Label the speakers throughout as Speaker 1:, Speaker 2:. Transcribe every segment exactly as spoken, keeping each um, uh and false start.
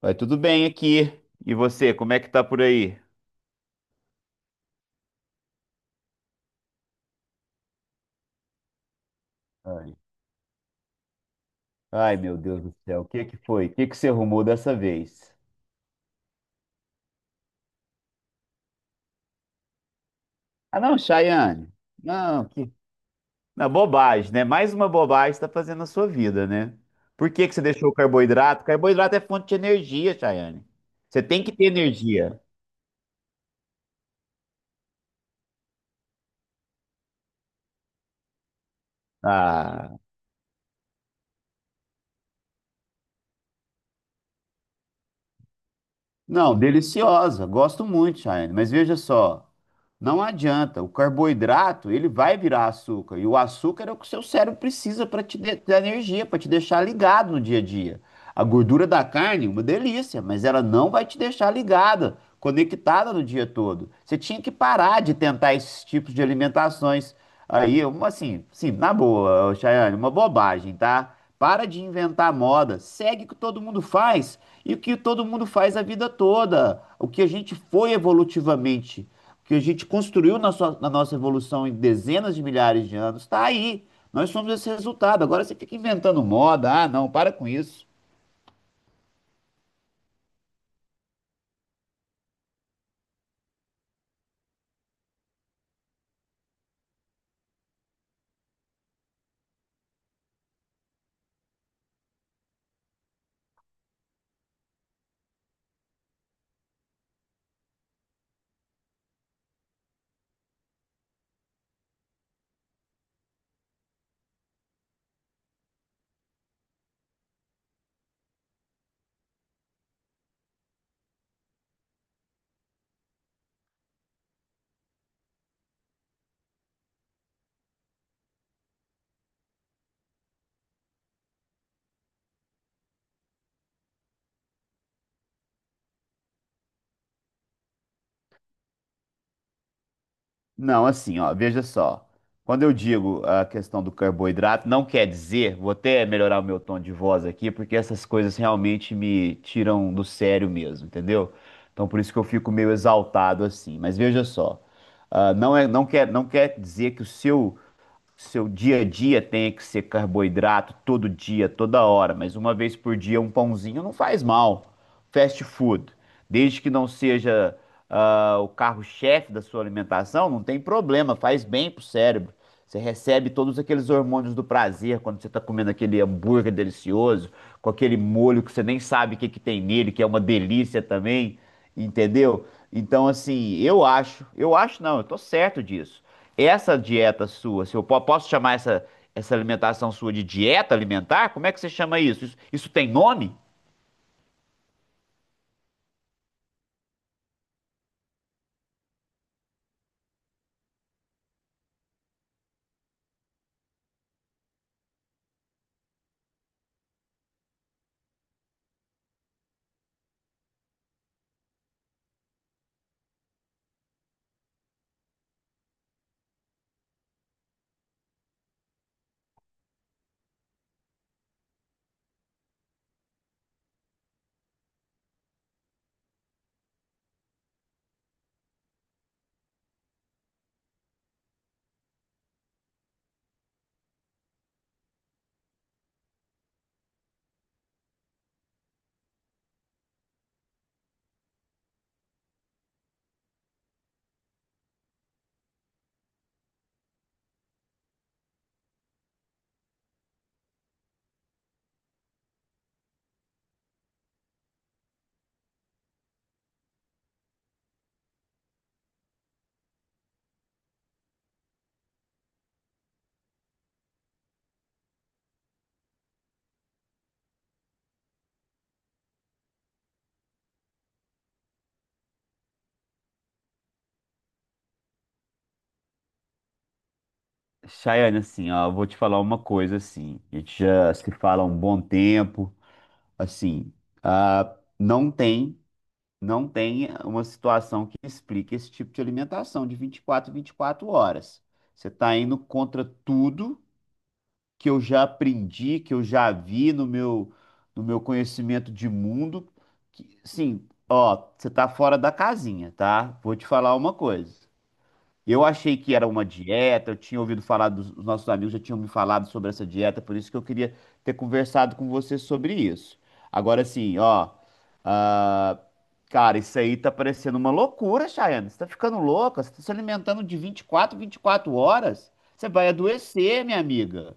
Speaker 1: Vai tudo bem aqui. E você, como é que tá por aí? Ai, ai, meu Deus do céu, o que que foi? O que que você arrumou dessa vez? Ah, não, Chayane. Não, que... Não, bobagem, né? Mais uma bobagem está fazendo na sua vida, né? Por que que você deixou o carboidrato? Carboidrato é fonte de energia, Chayane. Você tem que ter energia. Ah. Não, deliciosa, gosto muito, Chayane, mas veja só, não adianta, o carboidrato, ele vai virar açúcar, e o açúcar é o que o seu cérebro precisa para te de- dar energia, para te deixar ligado no dia a dia. A gordura da carne, é uma delícia, mas ela não vai te deixar ligada, conectada no dia todo. Você tinha que parar de tentar esses tipos de alimentações aí, uma assim, sim, na boa, ô, Chayane, uma bobagem, tá? Para de inventar moda, segue o que todo mundo faz e o que todo mundo faz a vida toda. O que a gente foi evolutivamente, o que a gente construiu na, sua- na nossa evolução em dezenas de milhares de anos, está aí. Nós somos esse resultado. Agora você fica inventando moda. Ah, não, para com isso. Não, assim, ó, veja só. Quando eu digo a questão do carboidrato, não quer dizer, vou até melhorar o meu tom de voz aqui, porque essas coisas realmente me tiram do sério mesmo, entendeu? Então por isso que eu fico meio exaltado assim. Mas veja só, ah, não é, não quer, não quer dizer que o seu seu dia a dia tenha que ser carboidrato todo dia, toda hora, mas uma vez por dia um pãozinho não faz mal. Fast food, desde que não seja ah, o carro-chefe da sua alimentação, não tem problema, faz bem pro cérebro. Você recebe todos aqueles hormônios do prazer quando você está comendo aquele hambúrguer delicioso, com aquele molho que você nem sabe o que que tem nele, que é uma delícia também, entendeu? Então, assim, eu acho, eu acho não, eu tô certo disso. Essa dieta sua, se eu po- posso chamar essa, essa alimentação sua de dieta alimentar? Como é que você chama isso? Isso, isso tem nome? Chayane, assim, ó, eu vou te falar uma coisa, assim, a gente já se fala há um bom tempo, assim, ah, não tem, não tem uma situação que explique esse tipo de alimentação de vinte vinte e quatro vinte e quatro horas. Você está indo contra tudo que eu já aprendi, que eu já vi no meu, no meu conhecimento de mundo. Que, sim, ó, você tá fora da casinha, tá? Vou te falar uma coisa. Eu achei que era uma dieta, eu tinha ouvido falar dos os nossos amigos já tinham me falado sobre essa dieta, por isso que eu queria ter conversado com você sobre isso. Agora sim, ó, ah, cara, isso aí tá parecendo uma loucura, Chayana. Você tá ficando louca, você tá se alimentando de vinte vinte e quatro, vinte e quatro horas. Você vai adoecer, minha amiga.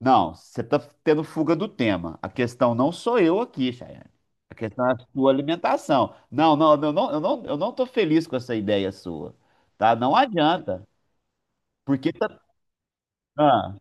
Speaker 1: Não, você está tendo fuga do tema. A questão não sou eu aqui, Chayane. A questão é a sua alimentação. Não, não, eu não, eu não, eu não tô feliz com essa ideia sua, tá? Não adianta, porque tá... Ah,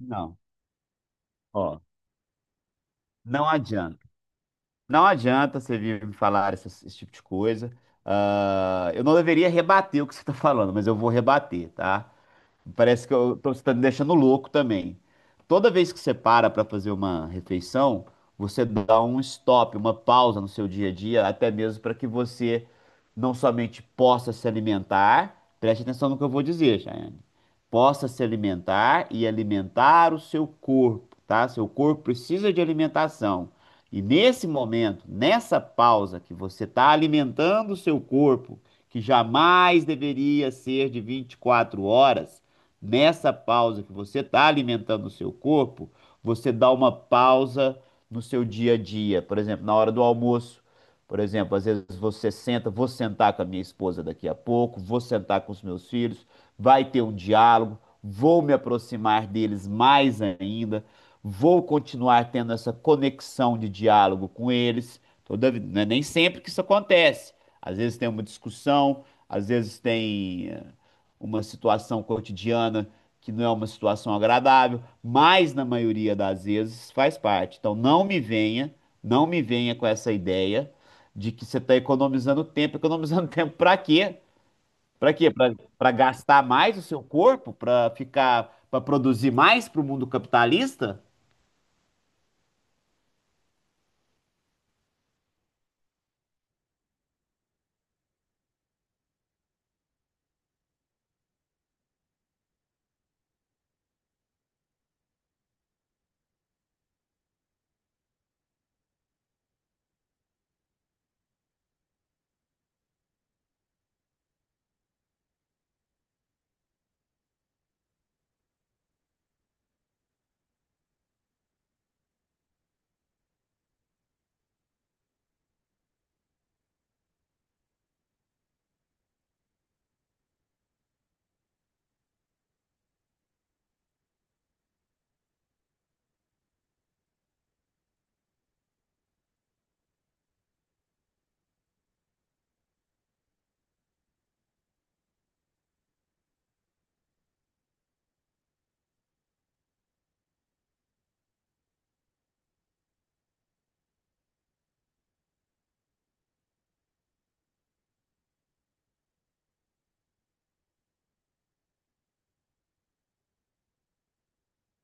Speaker 1: não, ó, não adianta. Não adianta você vir me falar essas- esse tipo de coisa. Ah, eu não deveria rebater o que você está falando, mas eu vou rebater, tá? Parece que eu tô, você tá me deixando louco também. Toda vez que você para para fazer uma refeição, você dá um stop, uma pausa no seu dia a dia, até mesmo para que você não somente possa se alimentar, preste atenção no que eu vou dizer, Chayane, possa se alimentar e alimentar o seu corpo, tá? Seu corpo precisa de alimentação. E nesse momento, nessa pausa que você está alimentando o seu corpo, que jamais deveria ser de vinte e quatro horas, nessa pausa que você está alimentando o seu corpo, você dá uma pausa no seu dia a dia. Por exemplo, na hora do almoço, por exemplo, às vezes você senta, vou sentar com a minha esposa daqui a pouco, vou sentar com os meus filhos, vai ter um diálogo, vou me aproximar deles mais ainda, vou continuar tendo essa conexão de diálogo com eles. Toda, né, nem sempre que isso acontece. Às vezes tem uma discussão, às vezes tem eh, uma situação cotidiana que não é uma situação agradável, mas na maioria das vezes faz parte. Então não me venha, não me venha com essa ideia de que você está economizando tempo. Economizando tempo para quê? Para quê? Para gastar mais o seu corpo? Para ficar, para produzir mais para o mundo capitalista?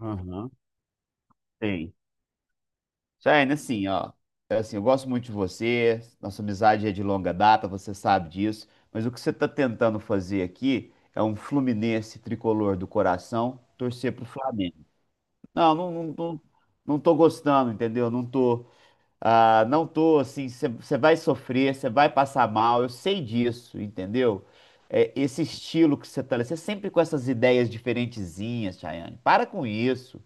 Speaker 1: Aham, tem. Jaiane, assim, ó, é assim, eu gosto muito de você, nossa amizade é de longa data, você sabe disso, mas o que você está tentando fazer aqui é um Fluminense tricolor do coração torcer pro Flamengo. Não, não, não, não, não tô gostando, entendeu? Não tô, ah, não tô assim, você vai sofrer, você vai passar mal, eu sei disso, entendeu? É, esse estilo que você tá, você sempre com essas ideias diferentezinhas, Chayane, para com isso.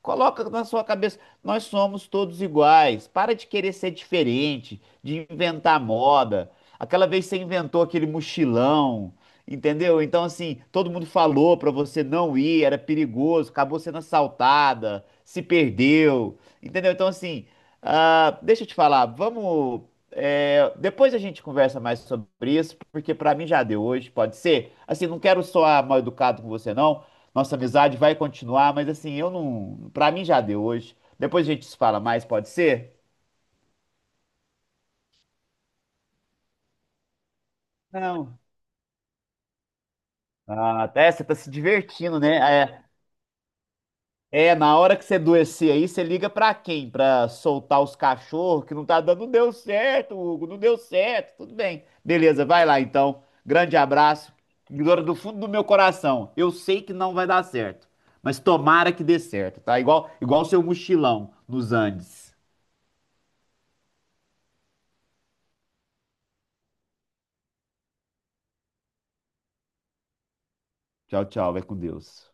Speaker 1: Coloca na sua cabeça, nós somos todos iguais. Para de querer ser diferente, de inventar moda. Aquela vez você inventou aquele mochilão, entendeu? Então, assim, todo mundo falou para você não ir, era perigoso, acabou sendo assaltada, se perdeu, entendeu? Então, assim, ah, deixa eu te falar, vamos. é, depois a gente conversa mais sobre isso, porque para mim já deu hoje, pode ser? Assim, não quero soar mal educado com você, não. Nossa amizade vai continuar, mas assim, eu não. Pra mim já deu hoje. Depois a gente se fala mais, pode ser? Não. Ah, até você tá se divertindo, né? É, é, na hora que você adoecer aí, você liga pra quem? Pra soltar os cachorros, que não tá dando. Não deu certo, Hugo, não deu certo. Tudo bem. Beleza, vai lá então. Grande abraço. Ignora do fundo do meu coração. Eu sei que não vai dar certo, mas tomara que dê certo, tá? Igual, igual o seu mochilão nos Andes. Tchau, tchau. Vai com Deus.